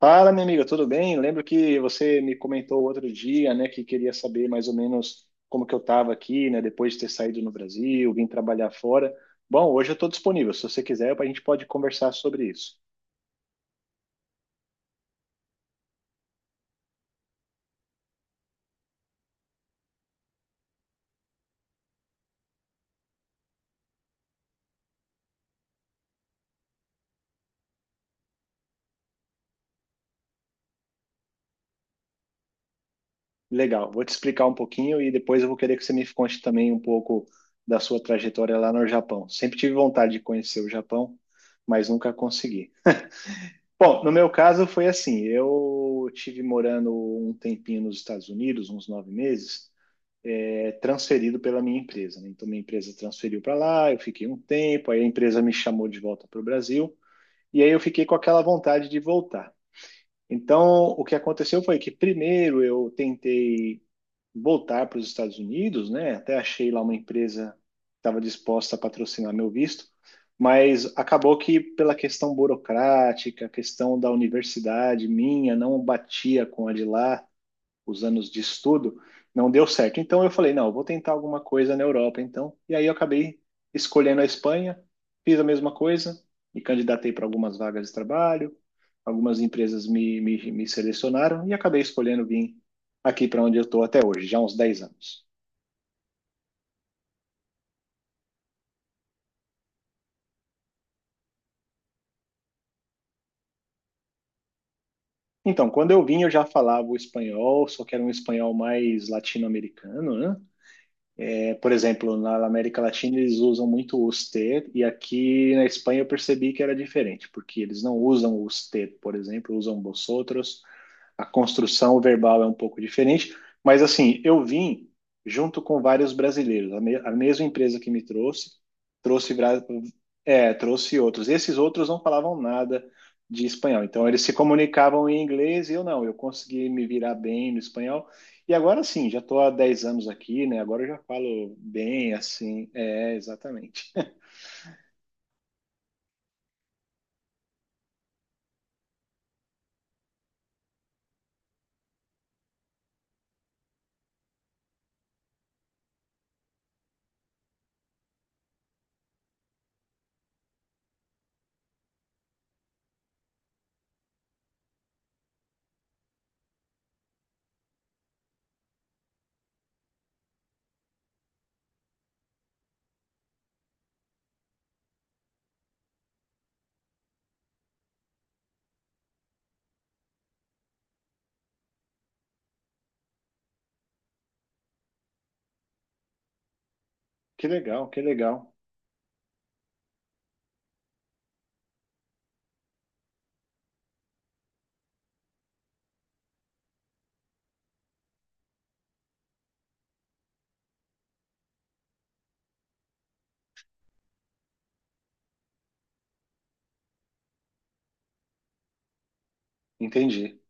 Fala, minha amiga, tudo bem? Lembro que você me comentou outro dia, né, que queria saber mais ou menos como que eu estava aqui, né, depois de ter saído no Brasil, vim trabalhar fora. Bom, hoje eu estou disponível. Se você quiser, a gente pode conversar sobre isso. Legal, vou te explicar um pouquinho e depois eu vou querer que você me conte também um pouco da sua trajetória lá no Japão. Sempre tive vontade de conhecer o Japão, mas nunca consegui. Bom, no meu caso foi assim, eu tive morando um tempinho nos Estados Unidos, uns 9 meses, transferido pela minha empresa. Né? Então, minha empresa transferiu para lá, eu fiquei um tempo, aí a empresa me chamou de volta para o Brasil, e aí eu fiquei com aquela vontade de voltar. Então, o que aconteceu foi que, primeiro, eu tentei voltar para os Estados Unidos, né? Até achei lá uma empresa que estava disposta a patrocinar meu visto, mas acabou que pela questão burocrática, a questão da universidade minha não batia com a de lá, os anos de estudo, não deu certo. Então eu falei, não, eu vou tentar alguma coisa na Europa, então. E aí eu acabei escolhendo a Espanha, fiz a mesma coisa, me candidatei para algumas vagas de trabalho, algumas empresas me selecionaram e acabei escolhendo vir aqui para onde eu estou até hoje, já há uns 10 anos. Então, quando eu vim, eu já falava o espanhol, só que era um espanhol mais latino-americano, né? É, por exemplo, na América Latina eles usam muito os T, e aqui na Espanha eu percebi que era diferente, porque eles não usam os T, por exemplo, usam vosotros, a construção verbal é um pouco diferente, mas assim, eu vim junto com vários brasileiros, a mesma empresa que me trouxe, trouxe, trouxe outros. Esses outros não falavam nada de espanhol, então eles se comunicavam em inglês e eu não, eu consegui me virar bem no espanhol. E agora sim, já estou há 10 anos aqui, né? Agora eu já falo bem assim, exatamente. Que legal, que legal. Entendi.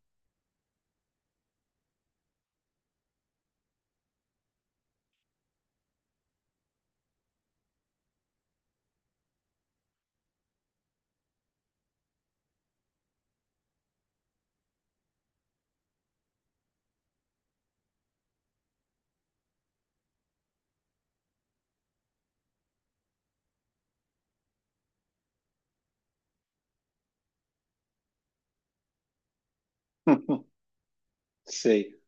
Sei,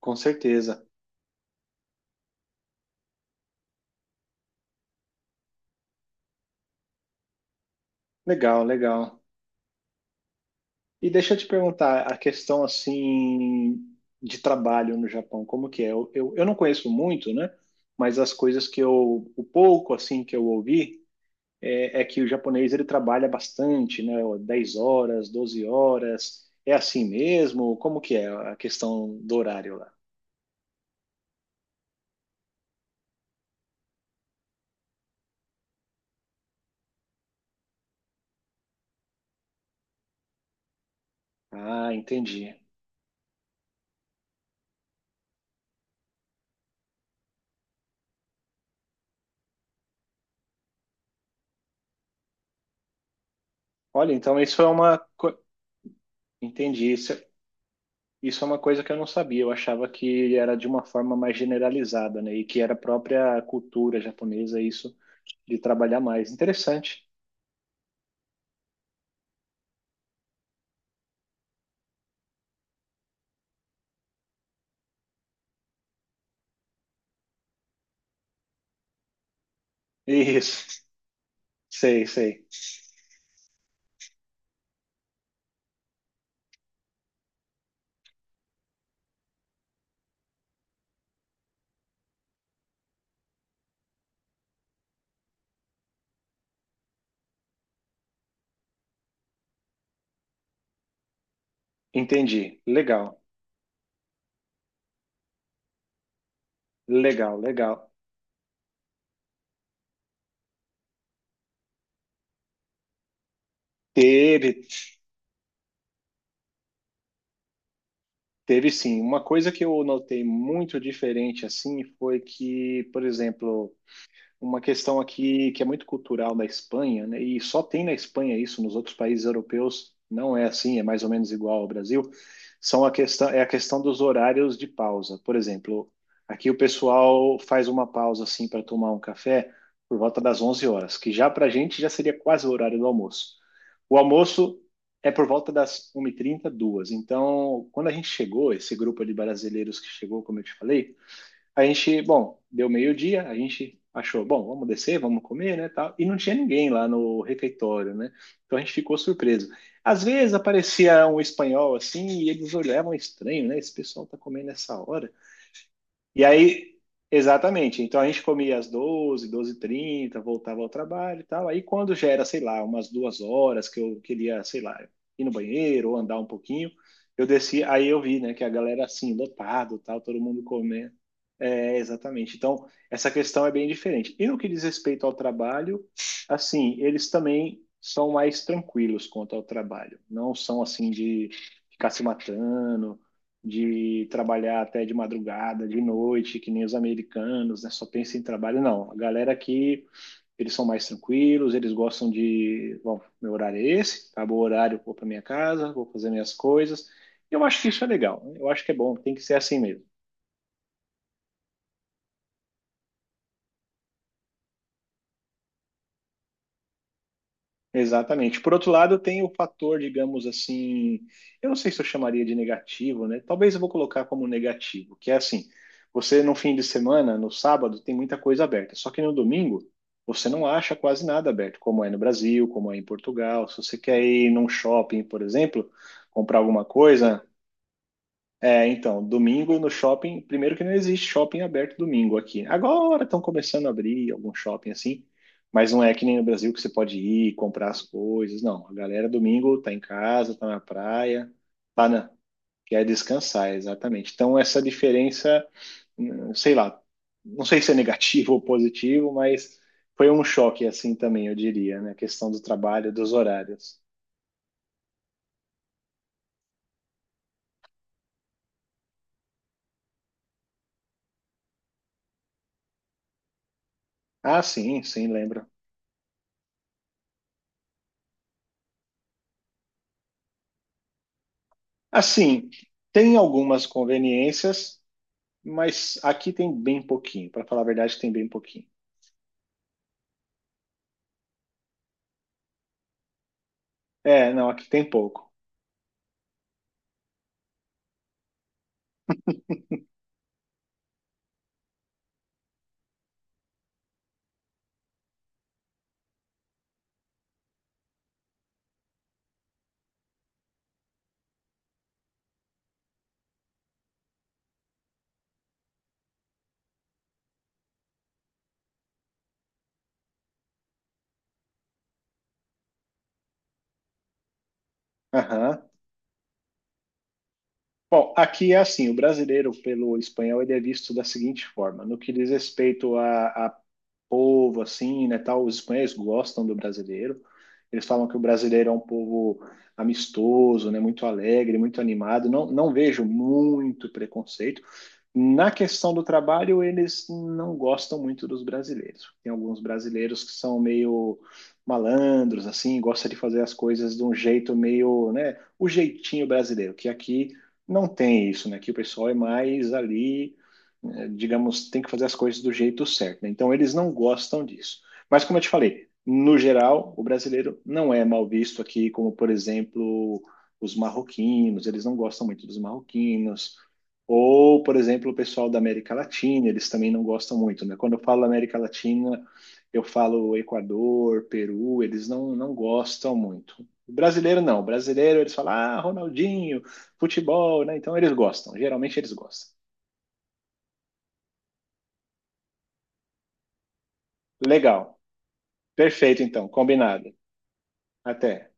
com certeza. Legal, legal. E deixa eu te perguntar, a questão assim de trabalho no Japão, como que é? Eu não conheço muito, né? Mas as coisas que eu, o pouco assim que eu ouvi é que o japonês ele trabalha bastante, né? 10 horas, 12 horas. É assim mesmo? Como que é a questão do horário lá? Ah, entendi. Olha, então isso é uma. Entendi. Isso, Isso é uma coisa que eu não sabia, eu achava que era de uma forma mais generalizada, né? E que era a própria cultura japonesa isso de trabalhar mais. Interessante. Isso. Sei, sei. Entendi. Legal. Legal, legal. Teve, teve sim. Uma coisa que eu notei muito diferente assim foi que, por exemplo, uma questão aqui que é muito cultural da Espanha, né? E só tem na Espanha isso, nos outros países europeus não é assim, é mais ou menos igual ao Brasil. São a questão é a questão dos horários de pausa. Por exemplo, aqui o pessoal faz uma pausa assim para tomar um café por volta das 11 horas, que já para a gente já seria quase o horário do almoço. O almoço é por volta das 1 e trinta duas. Então, quando a gente chegou, esse grupo de brasileiros que chegou, como eu te falei, a gente, bom, deu meio-dia, a gente achou, bom, vamos descer, vamos comer, né, tal. E não tinha ninguém lá no refeitório, né? Então a gente ficou surpreso. Às vezes aparecia um espanhol assim e eles olhavam estranho, né? Esse pessoal tá comendo essa hora. E aí, exatamente. Então a gente comia às doze h 30, voltava ao trabalho e tal. Aí quando já era, sei lá, umas 2 horas que eu queria, sei lá, ir no banheiro ou andar um pouquinho, eu desci, aí eu vi, né, que a galera assim, lotado, tal, todo mundo comendo. É, exatamente. Então, essa questão é bem diferente. E no que diz respeito ao trabalho, assim, eles também são mais tranquilos quanto ao trabalho. Não são assim de ficar se matando, de trabalhar até de madrugada, de noite, que nem os americanos, né? Só pensa em trabalho. Não, a galera aqui, eles são mais tranquilos, eles gostam de, bom, meu horário é esse, acabou o horário, vou para minha casa, vou fazer minhas coisas. Eu acho que isso é legal, eu acho que é bom, tem que ser assim mesmo. Exatamente. Por outro lado, tem o fator, digamos assim, eu não sei se eu chamaria de negativo, né? Talvez eu vou colocar como negativo, que é assim, você no fim de semana, no sábado, tem muita coisa aberta, só que no domingo você não acha quase nada aberto, como é no Brasil, como é em Portugal. Se você quer ir num shopping, por exemplo, comprar alguma coisa, então, domingo no shopping, primeiro que não existe shopping aberto domingo aqui. Agora estão começando a abrir algum shopping assim, mas não é que nem no Brasil que você pode ir comprar as coisas, não. A galera domingo tá em casa, tá na praia, tá na... quer descansar, exatamente. Então essa diferença, sei lá, não sei se é negativo ou positivo, mas foi um choque assim também, eu diria, né? A questão do trabalho, dos horários. Ah, sim, sim, lembro. Assim, tem algumas conveniências. Mas aqui tem bem pouquinho, para falar a verdade, tem bem pouquinho. É, não, aqui tem pouco. Aham. Bom, aqui é assim, o brasileiro pelo espanhol ele é visto da seguinte forma, no que diz respeito a povo, assim, né, tal, os espanhóis gostam do brasileiro, eles falam que o brasileiro é um povo amistoso, né, muito alegre, muito animado, não, não vejo muito preconceito. Na questão do trabalho, eles não gostam muito dos brasileiros. Tem alguns brasileiros que são meio malandros, assim, gosta de fazer as coisas de um jeito meio, né, o jeitinho brasileiro, que aqui não tem isso, né? Aqui o pessoal é mais ali, né, digamos, tem que fazer as coisas do jeito certo, né? Então eles não gostam disso. Mas como eu te falei, no geral, o brasileiro não é mal visto aqui, como por exemplo, os marroquinos, eles não gostam muito dos marroquinos ou, por exemplo, o pessoal da América Latina, eles também não gostam muito, né? Quando eu falo América Latina, eu falo Equador, Peru, eles não, não gostam muito. O brasileiro não, o brasileiro eles falam, ah, Ronaldinho, futebol, né? Então eles gostam, geralmente eles gostam. Legal, perfeito então, combinado. Até.